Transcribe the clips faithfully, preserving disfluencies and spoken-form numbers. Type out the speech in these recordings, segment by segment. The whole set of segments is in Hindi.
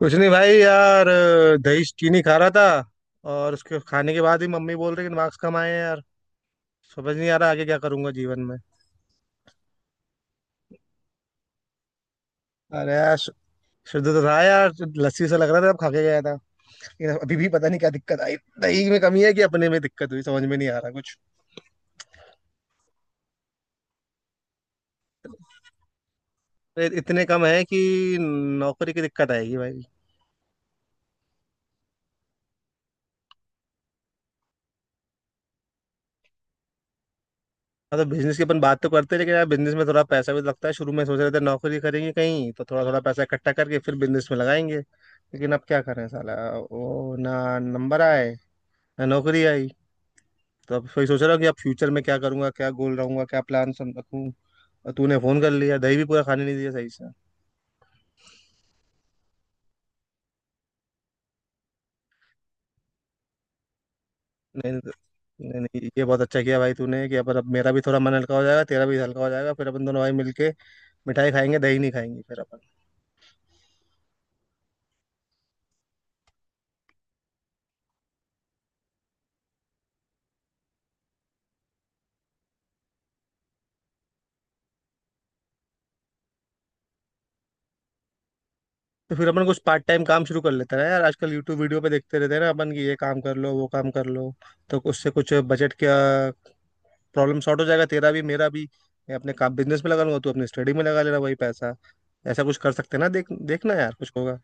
कुछ नहीं भाई यार, अ, दही चीनी खा रहा था। और उसके खाने के बाद ही मम्मी बोल रही कि मार्क्स कम आए हैं यार। समझ नहीं आ रहा आगे क्या करूंगा जीवन में। अरे यार शु- शुद्ध तो था यार। लस्सी सा लग रहा था अब खा के गया था। लेकिन अभी भी पता नहीं क्या दिक्कत आई। दही में कमी है कि अपने में दिक्कत हुई, समझ में नहीं आ रहा कुछ। अरे इतने कम है कि नौकरी की दिक्कत आएगी भाई। हाँ, तो बिजनेस की अपन बात तो करते हैं, लेकिन यार बिजनेस में थोड़ा पैसा भी तो लगता है। शुरू में सोच रहे थे नौकरी करेंगे कहीं, तो थोड़ा थोड़ा पैसा इकट्ठा करके फिर बिजनेस में लगाएंगे, लेकिन अब क्या करें साला। वो ना नंबर आए, ना नौकरी आई। तो अब वही सोच रहा हूँ कि अब फ्यूचर में क्या करूंगा, क्या गोल रहूंगा, क्या प्लान रखूँ। और तूने फोन कर लिया, दही भी पूरा खाने नहीं दिया सही से। नहीं नहीं। नहीं नहीं, ये बहुत अच्छा किया भाई तूने कि अपन। अब मेरा भी थोड़ा मन हल्का हो जाएगा, तेरा भी हल्का हो जाएगा, फिर अपन दोनों भाई मिलके मिठाई खाएंगे, दही नहीं खाएंगे फिर अपन। तो फिर अपन कुछ पार्ट टाइम काम शुरू कर लेते हैं ना यार। आजकल यूट्यूब वीडियो पे देखते रहते हैं ना अपन कि ये काम कर लो वो काम कर लो। तो उससे कुछ बजट का प्रॉब्लम सॉर्ट हो जाएगा, तेरा भी मेरा भी। मैं अपने काम बिजनेस में लगा लूंगा, तू अपने स्टडी में लगा लेना वही पैसा। ऐसा कुछ कर सकते हैं ना, देख। देखना यार कुछ होगा।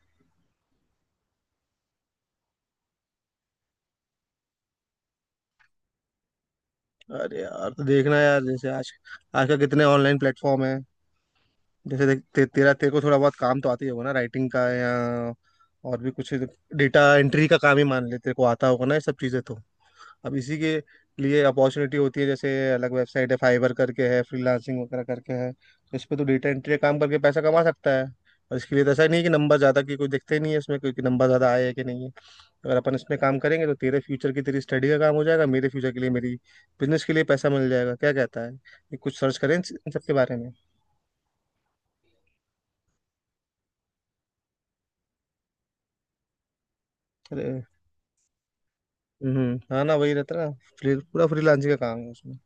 अरे यार तो देखना यार, जैसे आज आजकल कितने ऑनलाइन प्लेटफॉर्म है। जैसे देख ते, तेरा तेरे को थोड़ा बहुत काम तो आती ही होगा ना, राइटिंग का या और भी कुछ। डेटा एंट्री का काम ही मान ले, तेरे को आता होगा ना ये सब चीजें। तो अब इसी के लिए अपॉर्चुनिटी होती है, जैसे अलग वेबसाइट है, फाइवर करके है, फ्रीलांसिंग वगैरह करके है। तो इस पे तो डेटा एंट्री काम करके पैसा कमा सकता है। और इसके लिए तो ऐसा नहीं है कि नंबर ज़्यादा की कोई दिखते नहीं है इसमें, क्योंकि नंबर ज़्यादा आए है कि नहीं है। अगर अपन इसमें काम करेंगे तो तेरे फ्यूचर की तेरी स्टडी का काम हो जाएगा, मेरे फ्यूचर के लिए मेरी बिजनेस के लिए पैसा मिल जाएगा। क्या कहता है, ये कुछ सर्च करें इन इन सब के बारे में। अरे, हम्म, हाँ ना, वही रहता है ना। फ्री, पूरा फ्रीलांसिंग का काम है उसमें।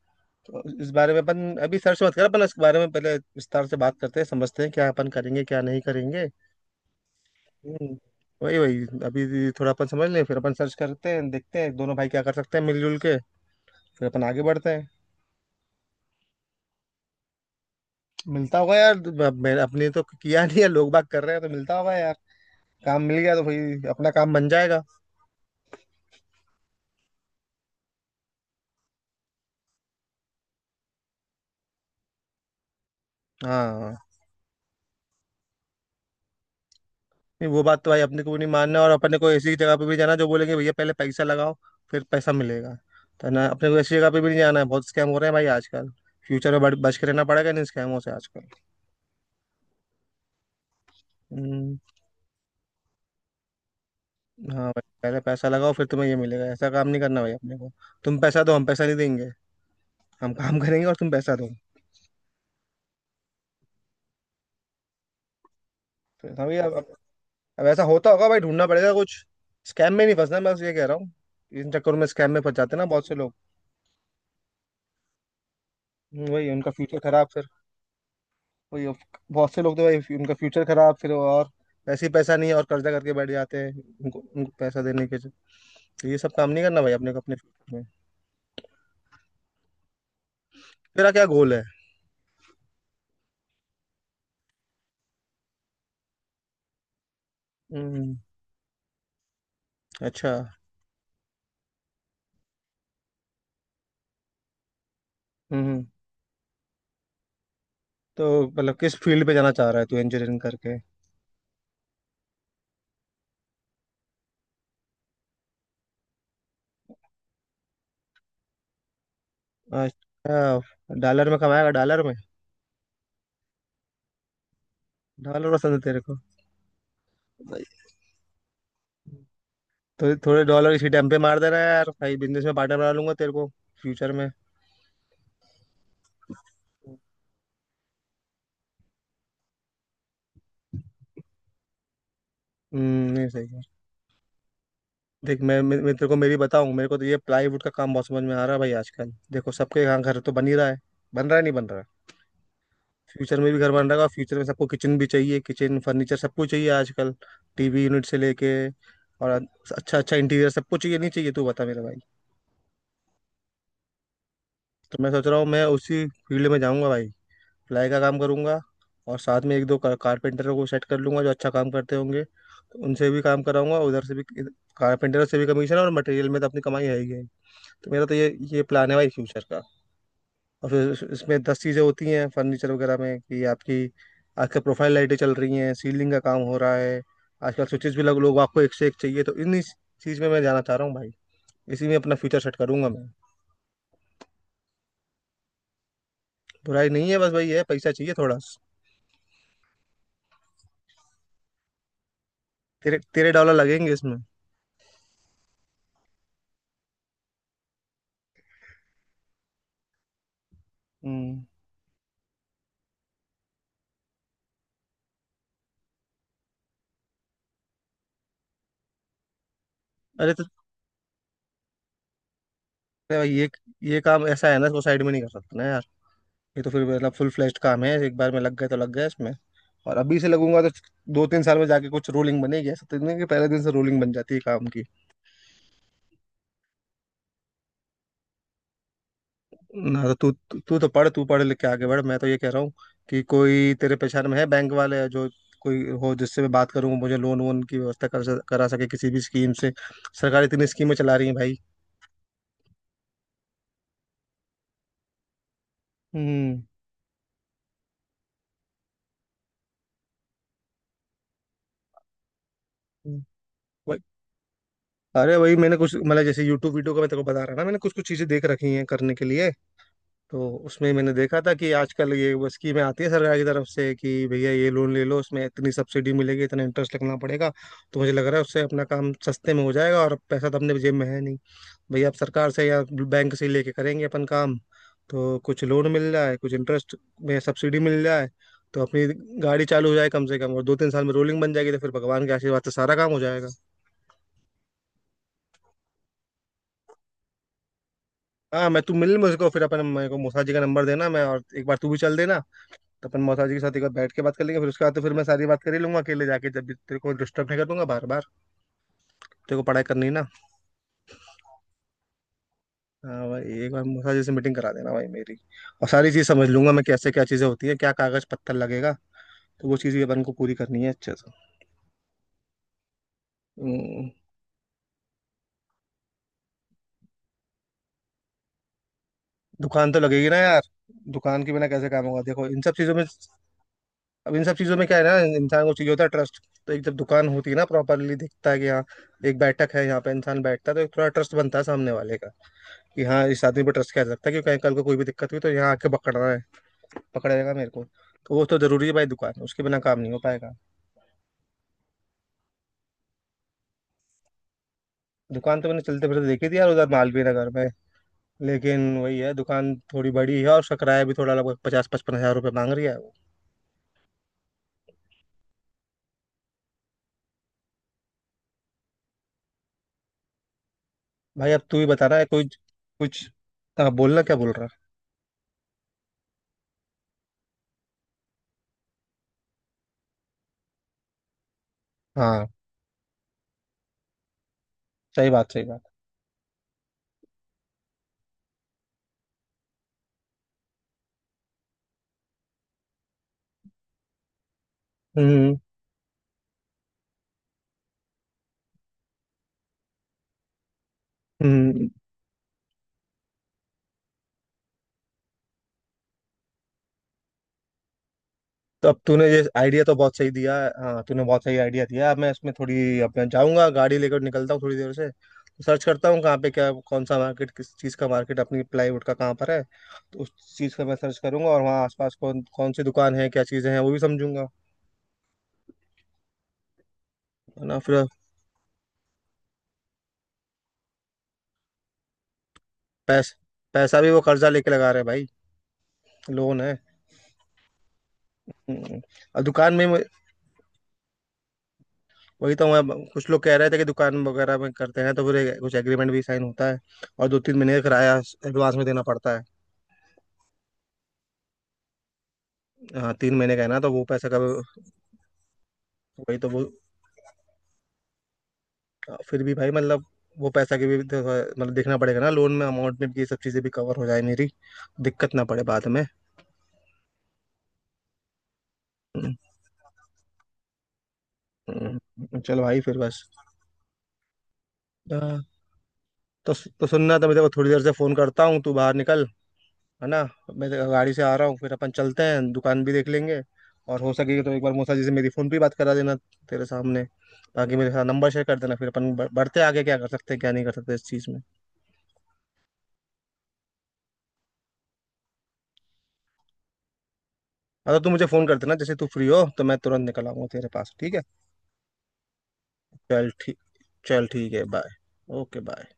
तो इस बारे में अपन अभी सर्च मत कर, अपन इस बारे में पहले विस्तार से बात करते हैं, समझते हैं क्या अपन करेंगे क्या नहीं करेंगे। हम्म। वही वही अभी थोड़ा अपन समझ लें, फिर अपन सर्च करते हैं, देखते हैं दोनों भाई क्या कर सकते हैं मिलजुल के। फिर अपन आगे बढ़ते हैं। मिलता होगा यार। अब मैं अपने तो किया नहीं है, लोग बात कर रहे हैं तो मिलता होगा यार। काम मिल गया तो भाई अपना काम बन जाएगा। हाँ। नहीं, वो बात तो भाई अपने को भी नहीं मानना, और अपने को ऐसी जगह पे भी जाना जो बोलेंगे भैया पहले पैसा लगाओ फिर पैसा मिलेगा, तो ना अपने को ऐसी जगह पे भी नहीं जाना है। बहुत स्कैम हो रहे हैं भाई आजकल। फ्यूचर में बच बच के रहना पड़ेगा इन स्कैमों से आजकल। हम्म। हाँ भाई, पहले पैसा लगाओ फिर तुम्हें ये मिलेगा, ऐसा काम नहीं करना भाई अपने को। तुम पैसा दो, हम पैसा नहीं देंगे। हम काम करेंगे और तुम पैसा दो। तो हाँ भैया, अब, अब अब ऐसा होता होगा भाई, ढूंढना पड़ेगा कुछ। स्कैम में नहीं फंसना मैं बस ये कह रहा हूँ। इन चक्करों में स्कैम में फंस जाते हैं ना बहुत से लोग। हम्म, वही उनका फ्यूचर खराब फिर। वही अब बहुत से लोग तो भाई उनका फ्यूचर खराब फिर वो, और वैसे ही पैसा नहीं है और कर्जा करके बैठ जाते हैं उनको उनको पैसा देने के लिए। तो ये सब काम नहीं करना भाई अपने को अपने फ्यूचर में। तेरा क्या गोल है? हम्म, अच्छा। हम्म, तो मतलब किस फील्ड पे जाना चाह रहा है तू इंजीनियरिंग करके? अच्छा, डॉलर में कमाएगा डॉलर में। डॉलर पसंद है तेरे को? भाई, थोड़े थोड़े डॉलर इसी टाइम पे मार दे रहा है यार भाई, बिजनेस में पार्टनर बना लूंगा तेरे को फ्यूचर में। हम्म, नहीं सही है। देख, मैं मैं मैं तेरे को मेरी बताऊं, मेरे को तो ये प्लाईवुड का काम बहुत समझ में आ रहा है भाई। आजकल देखो सबके यहाँ घर तो बन ही रहा है। बन रहा है, नहीं बन रहा? फ्यूचर में भी घर बन रहा है, और फ्यूचर में सबको किचन भी चाहिए, किचन फर्नीचर सब कुछ चाहिए आजकल। टीवी यूनिट से लेके और अच्छा अच्छा इंटीरियर सब कुछ चाहिए, नहीं चाहिए? तू बता मेरे भाई। तो मैं सोच रहा हूँ, मैं उसी फील्ड में जाऊंगा भाई, प्लाई का काम करूंगा। और साथ में एक दो कारपेंटरों को सेट कर लूंगा जो अच्छा काम करते होंगे, तो उनसे भी काम कराऊंगा उधर से भी, कारपेंटरों से भी कमीशन। और मटेरियल में तो अपनी कमाई है ही है। तो मेरा तो ये ये प्लान है भाई फ्यूचर का। और फिर इस- इसमें दस चीज़ें होती हैं फर्नीचर वगैरह में कि आपकी आजकल प्रोफाइल लाइटें चल रही हैं, सीलिंग का काम हो रहा है, आजकल स्विचेस भी लग, लोग आपको एक से एक चाहिए। तो इन चीज़ में मैं जाना चाह रहा हूँ भाई, इसी में अपना फ्यूचर सेट करूंगा मैं। बुराई नहीं है, बस भाई है पैसा चाहिए थोड़ा। तेरे तेरे डॉलर लगेंगे इसमें। हम्म। अरे तो भाई, ये ये काम ऐसा है ना, इसको साइड में नहीं कर सकते ना यार। ये तो फिर मतलब फुल फ्लेश्ड काम है, एक बार में लग गए तो लग गए इसमें। और अभी से लगूंगा तो दो तीन साल में जाके कुछ रूलिंग बनेगी। ऐसा तो नहीं कि पहले दिन से रूलिंग बन जाती है काम की। ना, तो तू तू तू तो पढ़, तू पढ़ लिख के आगे बढ़। मैं तो ये कह रहा हूँ कि कोई तेरे पहचान में है बैंक वाले, जो कोई हो जिससे मैं बात करूँ, मुझे लोन वोन की व्यवस्था कर स- करा सके किसी भी स्कीम से। सरकार इतनी स्कीमें चला रही है भाई। हम्म। हम्म, वही- अरे वही, मैंने कुछ मतलब जैसे यूट्यूब वीडियो का मैं तेरे को बता रहा ना, मैंने कुछ कुछ चीजें देख रखी हैं करने के लिए। तो उसमें मैंने देखा था कि आजकल ये वो स्कीमें आती है सरकार की तरफ से, कि भैया ये लोन ले लो उसमें इतनी सब्सिडी मिलेगी, इतना इंटरेस्ट लगना पड़ेगा। तो मुझे लग रहा है उससे अपना काम सस्ते में हो जाएगा, और पैसा तो अपने जेब में है नहीं। भैया आप सरकार से या बैंक से लेके करेंगे अपन काम। तो कुछ लोन मिल जाए, कुछ इंटरेस्ट में सब्सिडी मिल जाए, तो अपनी गाड़ी चालू हो जाए कम से कम। और दो तीन साल में रोलिंग बन जाएगी, तो फिर भगवान के आशीर्वाद से सारा काम हो जाएगा। हाँ मैं, तू मिल मुझको, फिर अपन मेरे को मूसा जी का नंबर देना, मैं और एक बार तू भी चल देना। तो अपन मौसा जी के साथ एक बार बैठ के बात कर लेंगे, फिर उसके बाद तो फिर मैं सारी बात कर ही लूंगा अकेले जाके, जब भी तेरे को डिस्टर्ब नहीं कर दूंगा बार बार। तेरे को पढ़ाई करनी है ना। हाँ भाई, एक बार मौसा जी से मीटिंग करा देना भाई मेरी। और सारी चीज़ समझ लूंगा मैं कैसे क्या चीज़ें होती है, क्या कागज पत्थर लगेगा। तो वो चीज़ भी अपन को पूरी करनी है अच्छे से। हम्म। दुकान तो लगेगी ना यार, दुकान के बिना कैसे काम होगा देखो इन सब चीज़ों में। अब इन सब चीज़ों में क्या है ना, इंसान को चाहिए होता है ट्रस्ट। तो एक जब दुकान होती है ना प्रॉपरली, दिखता है कि यहाँ एक बैठक है यहाँ पे इंसान बैठता है, तो एक थोड़ा ट्रस्ट बनता है सामने वाले का कि हाँ इस आदमी पर ट्रस्ट किया जा सकता है। कि कहीं कल को कोई भी दिक्कत हुई तो यहाँ आके पकड़ रहा है, पकड़ेगा मेरे को। तो वो तो जरूरी है भाई दुकान, उसके बिना काम नहीं हो पाएगा। दुकान तो मैंने चलते फिरते देखी थी यार उधर मालवीय नगर में। लेकिन वही है, दुकान थोड़ी बड़ी है और उसका किराया भी थोड़ा लगभग पचास पचपन हजार रुपये मांग रही है वो। भाई अब तू ही बता रहा है कुछ कुछ। हाँ, बोलना क्या बोल रहा है। हाँ सही बात, सही बात। हम्म। हम्म, तो अब तूने ये आइडिया तो बहुत सही दिया है। हाँ तूने बहुत सही आइडिया दिया। अब मैं इसमें थोड़ी अपना जाऊंगा, गाड़ी लेकर निकलता हूँ थोड़ी देर से, तो सर्च करता हूँ कहाँ पे क्या, कौन सा मार्केट, किस चीज़ का मार्केट अपनी प्लाईवुड का कहाँ पर है। तो उस चीज़ का मैं सर्च करूंगा, और वहाँ आसपास कौन कौन सी दुकान है, क्या चीज़ें हैं वो भी समझूंगा। है ना फिर। पैस, पैसा भी वो कर्जा लेके लगा रहे हैं भाई, लोन है। हम्म। और दुकान में मैं- वही तो मैं, कुछ लोग कह रहे थे कि दुकान वगैरह में करते हैं तो फिर एक- कुछ एग्रीमेंट भी साइन होता है, और दो तीन महीने का किराया एडवांस में देना पड़ता है। हाँ तीन महीने का है ना, तो वो पैसा का, वही तो वो। फिर भी भाई मतलब वो पैसा की भी तो, मतलब देखना पड़ेगा ना, लोन में अमाउंट में भी ये सब चीज़ें भी कवर हो जाए मेरी, दिक्कत ना पड़े बाद में। हम्म। हम्म, चल भाई फिर बस। हाँ, तो तो सुनना, तो मैं तेरे को थोड़ी देर से फ़ोन करता हूँ, तू बाहर निकल है ना। मैं तेरे गाड़ी से आ रहा हूँ, फिर अपन चलते हैं, दुकान भी देख लेंगे। और हो सके तो एक बार मौसा जी से मेरी फ़ोन पे बात करा देना तेरे सामने। बाकी मेरे साथ नंबर शेयर कर देना, फिर अपन बढ़- बढ़ते हैं आगे, क्या कर सकते हैं क्या नहीं कर सकते इस चीज़ में। हाँ तो तू मुझे फोन कर देना, जैसे तू फ्री हो तो मैं तुरंत निकल आऊंगा तेरे पास, ठीक है। चल ठीक। चल ठीक है, बाय। Okay, bye.